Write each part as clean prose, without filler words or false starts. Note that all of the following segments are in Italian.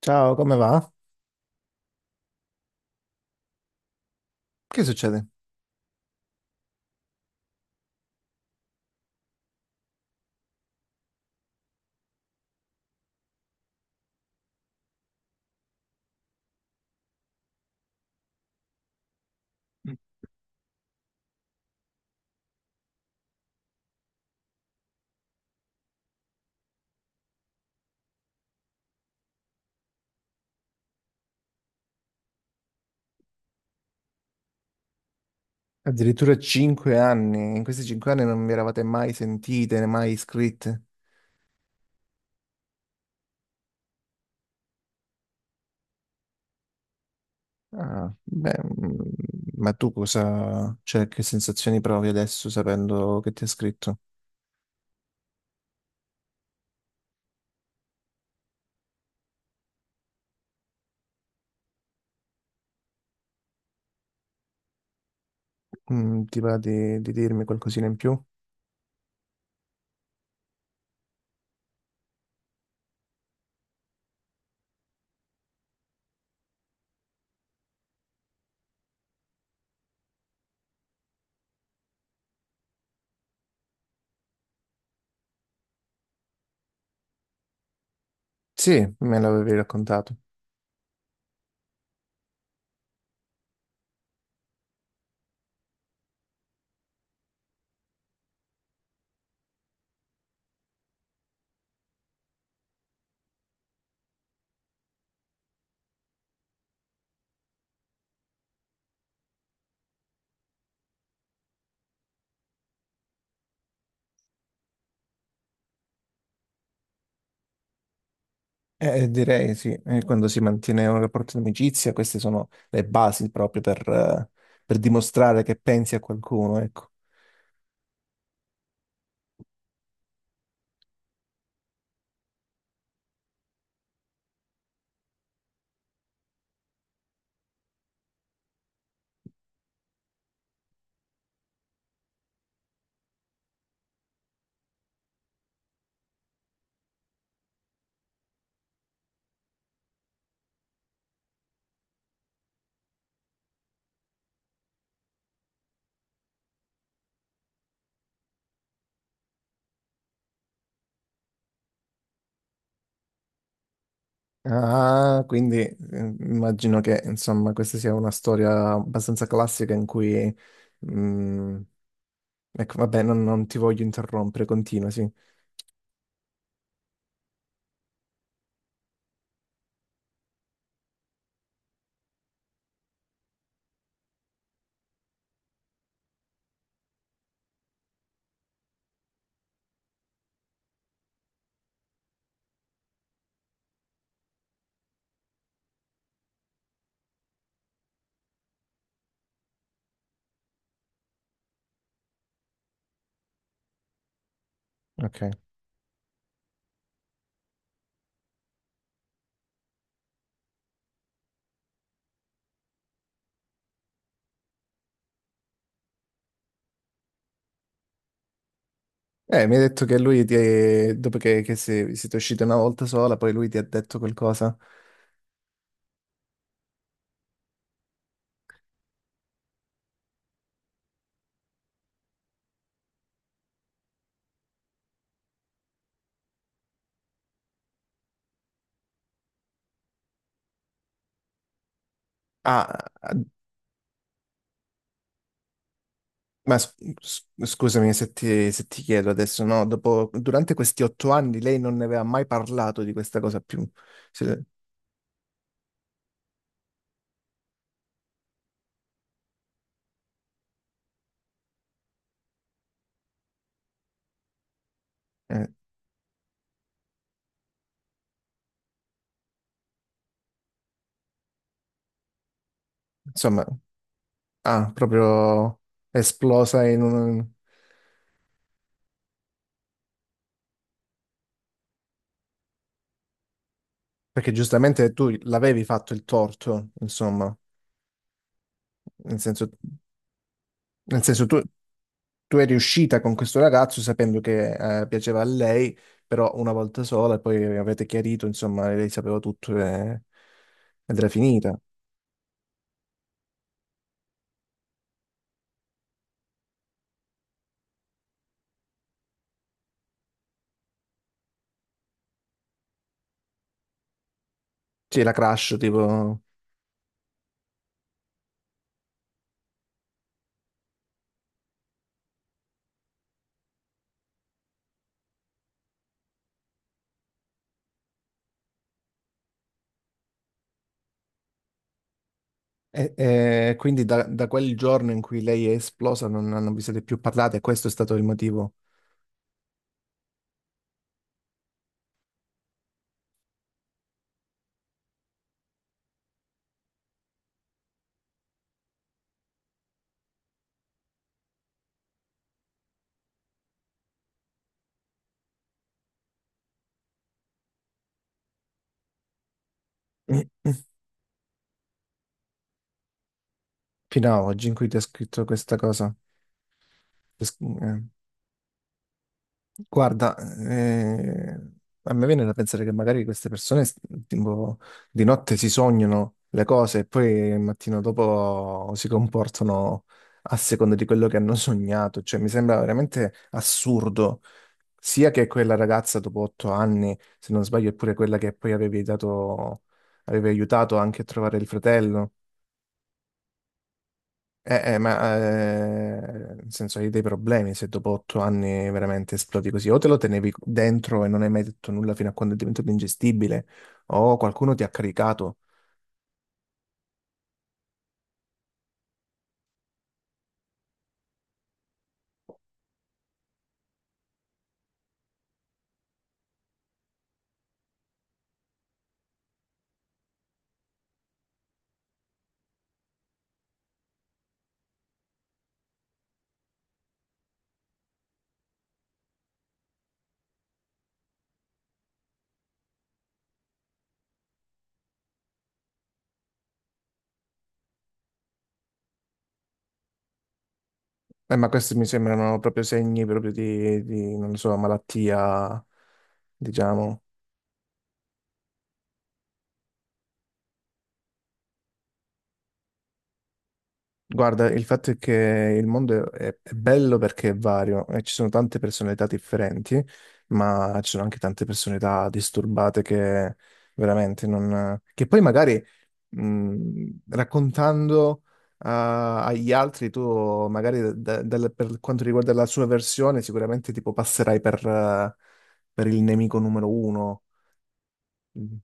Ciao, come va? Che succede? Addirittura 5 anni. In questi 5 anni non vi eravate mai sentite, né mai iscritte. Ah, beh, mm, ma tu cosa, cioè, che sensazioni provi adesso sapendo che ti ha scritto? Mm, ti va di dirmi qualcosina in più? Sì, me l'avevi raccontato. Direi sì. Quando si mantiene un rapporto di amicizia, queste sono le basi proprio per dimostrare che pensi a qualcuno, ecco. Ah, quindi immagino che insomma questa sia una storia abbastanza classica in cui... mm, ecco, vabbè, non ti voglio interrompere, continua, sì. Ok. Mi hai detto che lui ti... dopo che, siete usciti una volta sola, poi lui ti ha detto qualcosa. Ah, ma s- scusami se ti, se ti chiedo adesso, no? Dopo, durante questi 8 anni lei non ne aveva mai parlato di questa cosa più. Se- eh, insomma. Ah, proprio esplosa in un... Perché giustamente tu l'avevi fatto il torto, insomma, nel senso, nel senso tu, tu eri uscita con questo ragazzo sapendo che piaceva a lei, però una volta sola e poi avete chiarito, insomma, lei sapeva tutto e... ed era finita. Sì, la crash, tipo... E quindi da quel giorno in cui lei è esplosa non vi siete più parlate e questo è stato il motivo fino a oggi in cui ti ha scritto questa cosa. Pes- eh, Guarda, a me viene da pensare che magari tipo, di notte si sognano le cose e poi il mattino dopo si comportano a seconda di quello che hanno sognato. Cioè, mi sembra veramente assurdo. Sia che quella ragazza dopo 8 anni, se non sbaglio, è pure quella che poi avevi aiutato anche a trovare il fratello. Nel senso hai dei problemi se dopo 8 anni veramente esplodi così, o te lo tenevi dentro e non hai mai detto nulla fino a quando è diventato ingestibile, o qualcuno ti ha caricato. Ma questi mi sembrano proprio segni proprio di non lo so, malattia, diciamo. Guarda, il fatto è che il mondo è bello perché è vario e ci sono tante personalità differenti, ma ci sono anche tante personalità disturbate che veramente non... che poi magari raccontando a- agli altri, tu magari per quanto riguarda la sua versione, sicuramente tipo passerai per il nemico numero uno. Mm.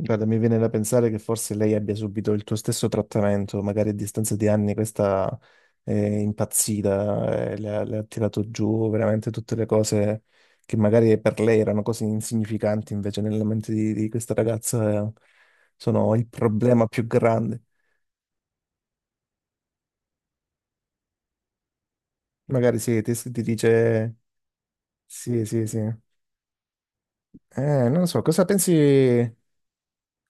Guarda, mi viene da pensare che forse lei abbia subito il tuo stesso trattamento, magari a distanza di anni questa è impazzita, le ha tirato giù veramente tutte le cose che magari per lei erano cose insignificanti, invece nella mente di questa ragazza sono il problema più grande. Magari sì, ti dice sì, sì, sì. Non lo so,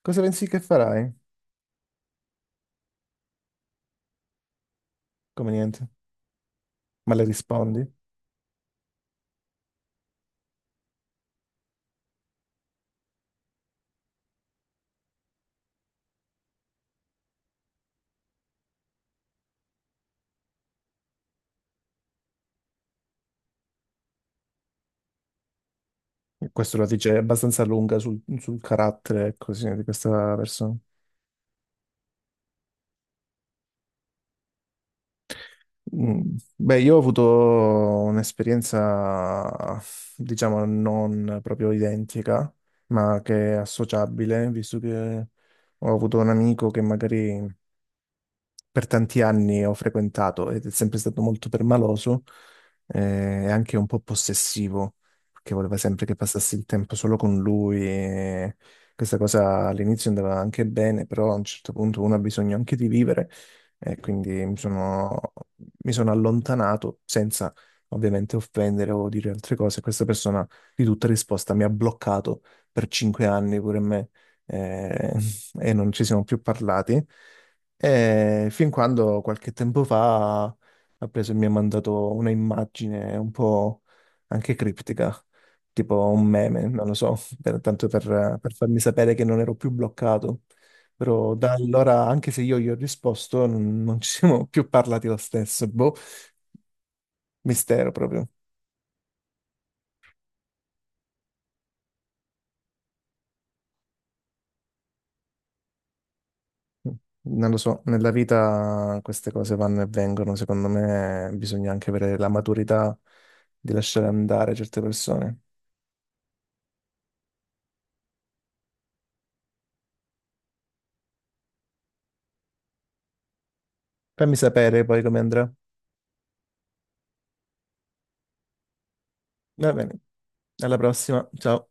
cosa pensi che farai? Come niente, ma le rispondi? Questo la dice abbastanza lunga sul carattere, ecco, sì, di questa persona. Mm. Beh, io ho avuto un'esperienza, diciamo, non proprio identica, ma che è associabile, visto che ho avuto un amico che magari per tanti anni ho frequentato ed è sempre stato molto permaloso e anche un po' possessivo, perché voleva sempre che passassi il tempo solo con lui. E questa cosa all'inizio andava anche bene, però a un certo punto uno ha bisogno anche di vivere e quindi mi sono allontanato senza ovviamente offendere o dire altre cose. Questa persona di tutta risposta mi ha bloccato per 5 anni pure me eh, e non ci siamo più parlati. E fin quando qualche tempo fa ha preso e mi ha mandato una immagine un po' anche criptica, tipo un meme, non lo so, per farmi sapere che non ero più bloccato. Però da allora, anche se io gli ho risposto, non ci siamo più parlati lo stesso. Boh, mistero proprio. Non lo so, nella vita queste cose vanno e vengono. Secondo me bisogna anche avere la maturità di lasciare andare certe persone. Fammi sapere poi come andrà. Va bene, alla prossima, ciao.